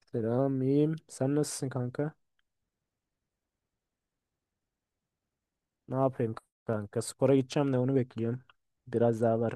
Selam, iyiyim. Sen nasılsın kanka? Ne yapayım kanka? Spora gideceğim de onu bekliyorum. Biraz daha var.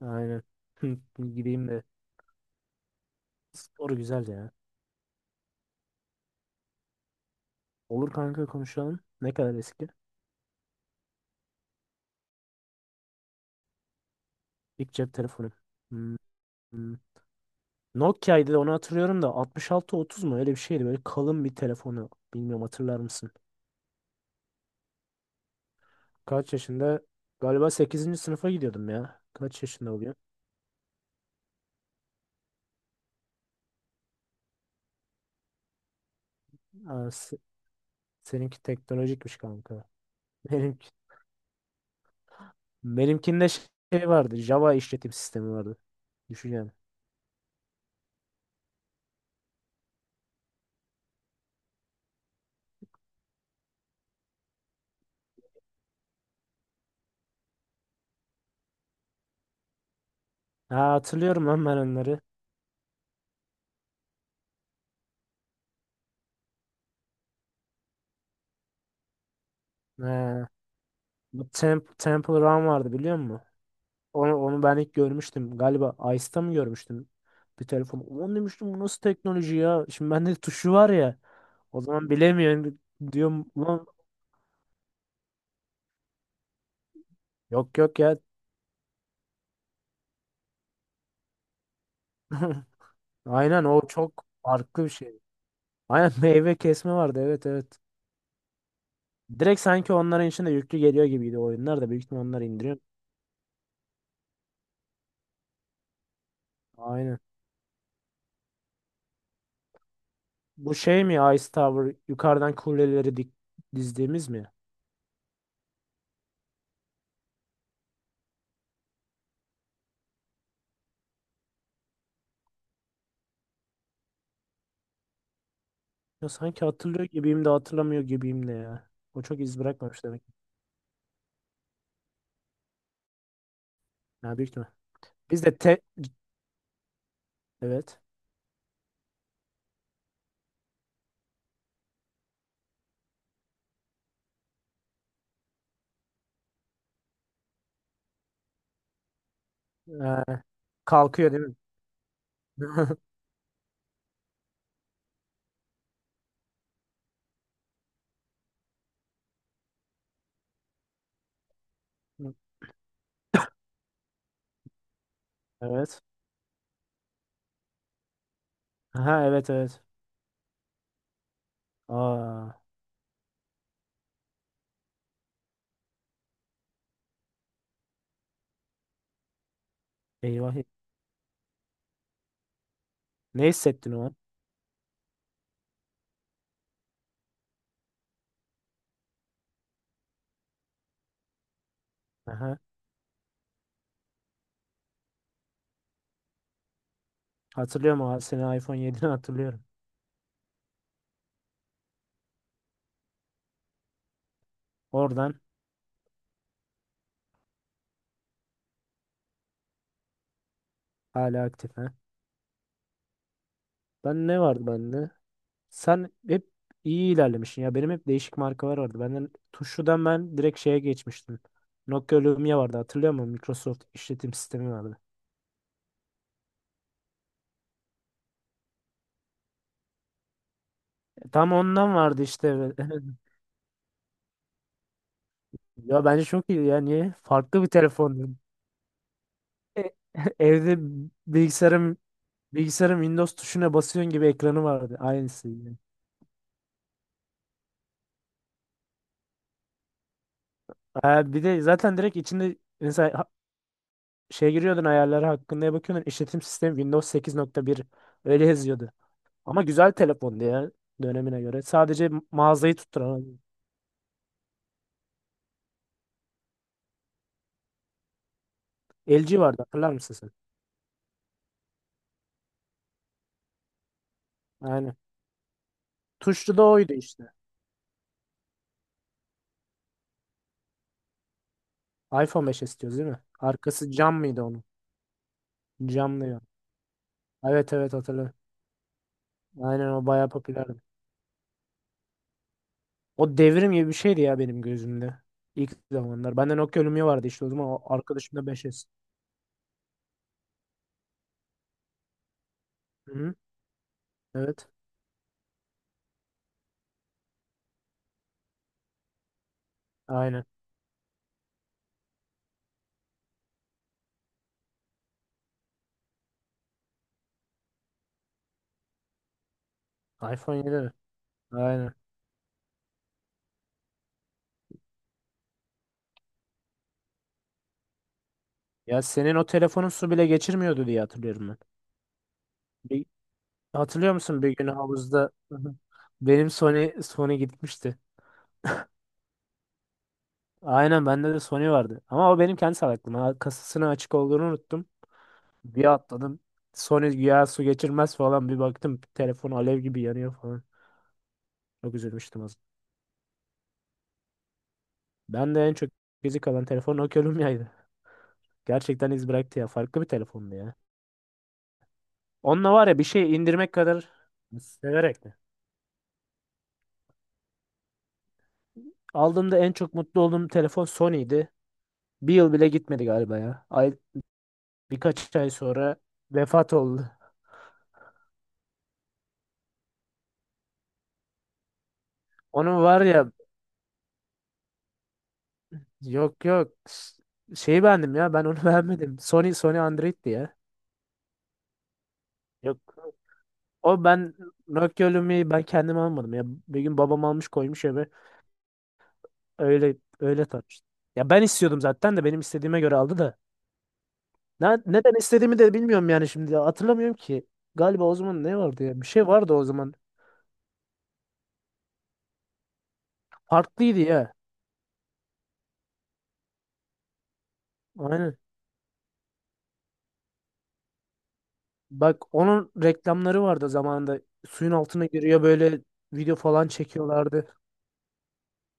Aynen. Gideyim de. Spor güzel ya. Olur kanka konuşalım. Ne kadar eski? İlk cep telefonu. Hmm, hmm. Nokia'ydı da onu hatırlıyorum da 6630 mu? Öyle bir şeydi. Böyle kalın bir telefonu. Bilmiyorum hatırlar mısın? Kaç yaşında? Galiba sekizinci sınıfa gidiyordum ya. Kaç yaşında oluyor? Aa, seninki teknolojikmiş kanka. Benimki benimkinde şey vardı. Java işletim sistemi vardı. Düşün yani. Ha, hatırlıyorum lan ben onları. Ha, bu Temple Run vardı biliyor musun? Onu ben ilk görmüştüm. Galiba Ice'ta mı görmüştüm? Bir telefon. Onu demiştim bu nasıl teknoloji ya? Şimdi bende tuşu var ya. O zaman bilemiyorum. Diyorum ulan yok yok ya. Aynen o çok farklı bir şey. Aynen meyve kesme vardı, evet evet. Direkt sanki onların içinde yüklü geliyor gibiydi oyunlar da, büyük ihtimalle onlar indiriyor. Aynen. Bu şey mi, Ice Tower, yukarıdan kuleleri dik dizdiğimiz mi? Ya sanki hatırlıyor gibiyim de hatırlamıyor gibiyim de ya. O çok iz bırakmamış demek. Ya büyük ihtimal. Biz de te... Evet. Ee, kalkıyor değil mi? Evet. Aha, evet evet. Aa, eyvah. Ne hissettin o an? Aha. Hatırlıyorum o an. Seni iPhone 7'ni hatırlıyorum. Oradan hala aktif ha. Ben ne vardı bende? Sen hep iyi ilerlemişsin ya. Benim hep değişik markalar vardı. Benden Tuşu'dan ben direkt şeye geçmiştim. Nokia Lumia vardı hatırlıyor musun? Microsoft işletim sistemi vardı. E, Tam ondan vardı işte. Ya bence çok iyi ya. Niye? Farklı bir telefon. E, Evde bilgisayarım bilgisayarım Windows tuşuna basıyorsun gibi ekranı vardı. Aynısı yine. Ha, bir de zaten direkt içinde mesela şey giriyordun, ayarları hakkında bakıyordun. İşletim sistemi Windows 8.1 öyle yazıyordu. Ama güzel telefondu ya dönemine göre. Sadece mağazayı tutturan LG vardı, hatırlar mısın sen? Aynen. Tuşlu da oydu işte. iPhone 5 istiyoruz değil mi? Arkası cam mıydı onun? Camlıyor. Evet evet, hatırlıyorum. Aynen o bayağı popülerdi. O devrim gibi bir şeydi ya benim gözümde. İlk zamanlar. Bende Nokia Lumia vardı işte o zaman. O arkadaşım da 5S. Hı-hı. Evet. Aynen. iPhone 7. Aynen. Ya senin o telefonun su bile geçirmiyordu diye hatırlıyorum ben. Bir hatırlıyor musun bir gün havuzda benim Sony gitmişti. Aynen bende de Sony vardı. Ama o benim kendi salaklığım. Ha, kasasının açık olduğunu unuttum. Bir atladım. Sony güya su geçirmez falan. Bir baktım telefon alev gibi yanıyor falan. Çok üzülmüştüm aslında. Ben de en çok gizli kalan telefon Nokia Lumia'ydı. Gerçekten iz bıraktı ya. Farklı bir telefondu ya. Onunla var ya bir şey indirmek kadar severek mi? Aldığımda en çok mutlu olduğum telefon Sony'ydi. Bir yıl bile gitmedi galiba ya. Birkaç ay sonra vefat oldu. Onun var ya, yok yok, şeyi beğendim ya ben, onu beğenmedim. Sony Android'ti ya. Yok, o ben Nokia Lumia'yı ben kendim almadım ya. Bir gün babam almış, koymuş eve, öyle öyle tartıştım. Ya ben istiyordum zaten de benim istediğime göre aldı da. Ne, neden istediğimi de bilmiyorum yani şimdi hatırlamıyorum ki. Galiba o zaman ne vardı ya, bir şey vardı o zaman. Farklıydı ya. Aynen. Bak onun reklamları vardı zamanında. Suyun altına giriyor böyle video falan çekiyorlardı.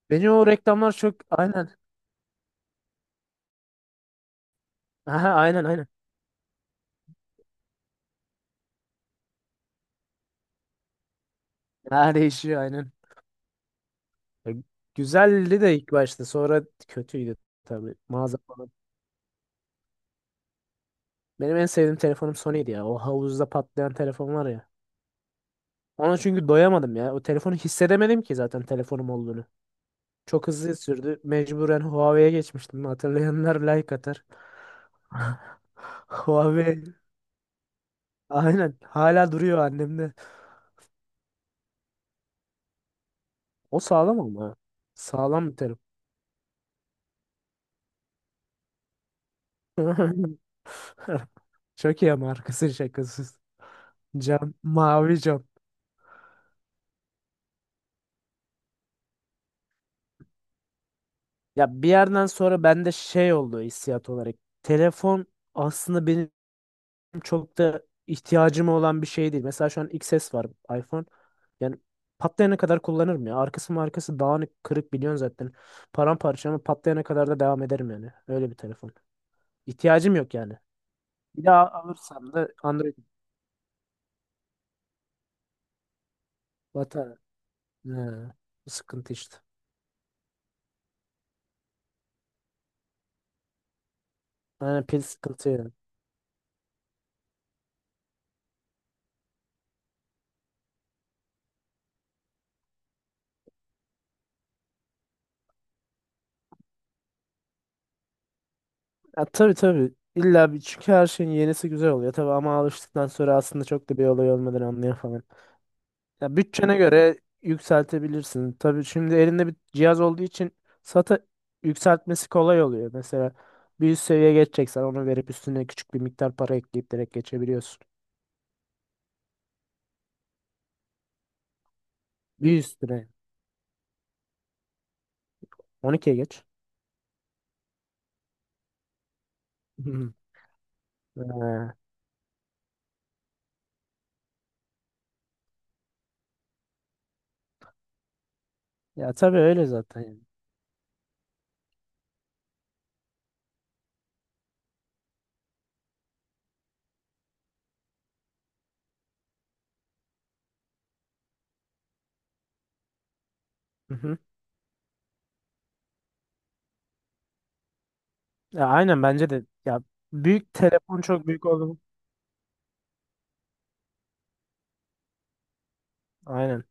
Beni o reklamlar çok, aynen. Aha, aynen aynen. Ha değişiyor aynen. Ya, Güzeldi de ilk başta sonra kötüydü tabii. Mağaza falan. Benim en sevdiğim telefonum Sony'ydi ya. O havuzda patlayan telefon var ya. Ona çünkü doyamadım ya. O telefonu hissedemedim ki zaten telefonum olduğunu. Çok hızlı sürdü. Mecburen Huawei'ye geçmiştim. Hatırlayanlar like atar. Huawei. Aynen. Hala duruyor annemde. O sağlam ama. Sağlam bir terim. Çok iyi ama arkası şakasız. Cam, mavi cam. Ya bir yerden sonra bende şey oldu hissiyat olarak. Telefon aslında benim çok da ihtiyacım olan bir şey değil. Mesela şu an XS var, iPhone. Yani patlayana kadar kullanırım ya. Arkası markası dağınık kırık biliyorsun zaten. Paramparça ama patlayana kadar da devam ederim yani. Öyle bir telefon. İhtiyacım yok yani. Bir daha alırsam da Android batar. He, bu sıkıntı işte. Yani pil sıkıntı ya. Ya tabii tabii. İlla bir, çünkü her şeyin yenisi güzel oluyor tabii ama alıştıktan sonra aslında çok da bir olay olmadığını anlıyor falan. Ya bütçene göre yükseltebilirsin. Tabii şimdi elinde bir cihaz olduğu için SATA yükseltmesi kolay oluyor. Mesela bir üst seviye geçeceksen onu verip üstüne küçük bir miktar para ekleyip direkt geçebiliyorsun. Bir üstüne 12'ye geç. Hı. Ha, ya tabii öyle zaten, yani. Hı hı. Ya aynen bence de ya, büyük telefon çok büyük oldu. Aynen.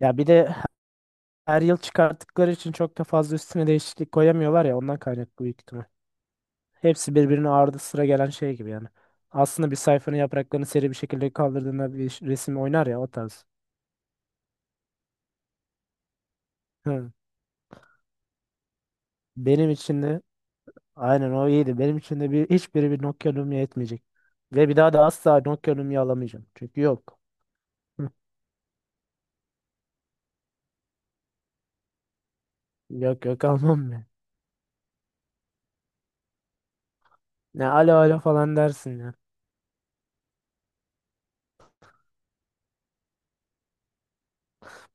Ya bir de her yıl çıkarttıkları için çok da fazla üstüne değişiklik koyamıyorlar ya, ondan kaynaklı büyük ihtimal. Hepsi birbirine ardı sıra gelen şey gibi yani. Aslında bir sayfanın yapraklarını seri bir şekilde kaldırdığında bir resim oynar ya, o tarz. Hı. Benim için de aynen o iyiydi. Benim için de bir, hiçbiri bir Nokia Lumia etmeyecek. Ve bir daha da asla Nokia Lumia alamayacağım. Çünkü yok. Hı. Yok yok, almam ben. Ne alo alo falan dersin ya.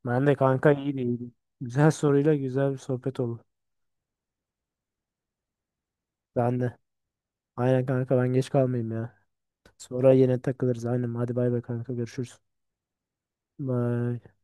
Ben de kanka, iyiydi iyiydi. Güzel soruyla güzel bir sohbet oldu. Ben de. Aynen kanka ben geç kalmayayım ya. Sonra yine takılırız. Aynen. Hadi bay bay kanka. Görüşürüz. Bye.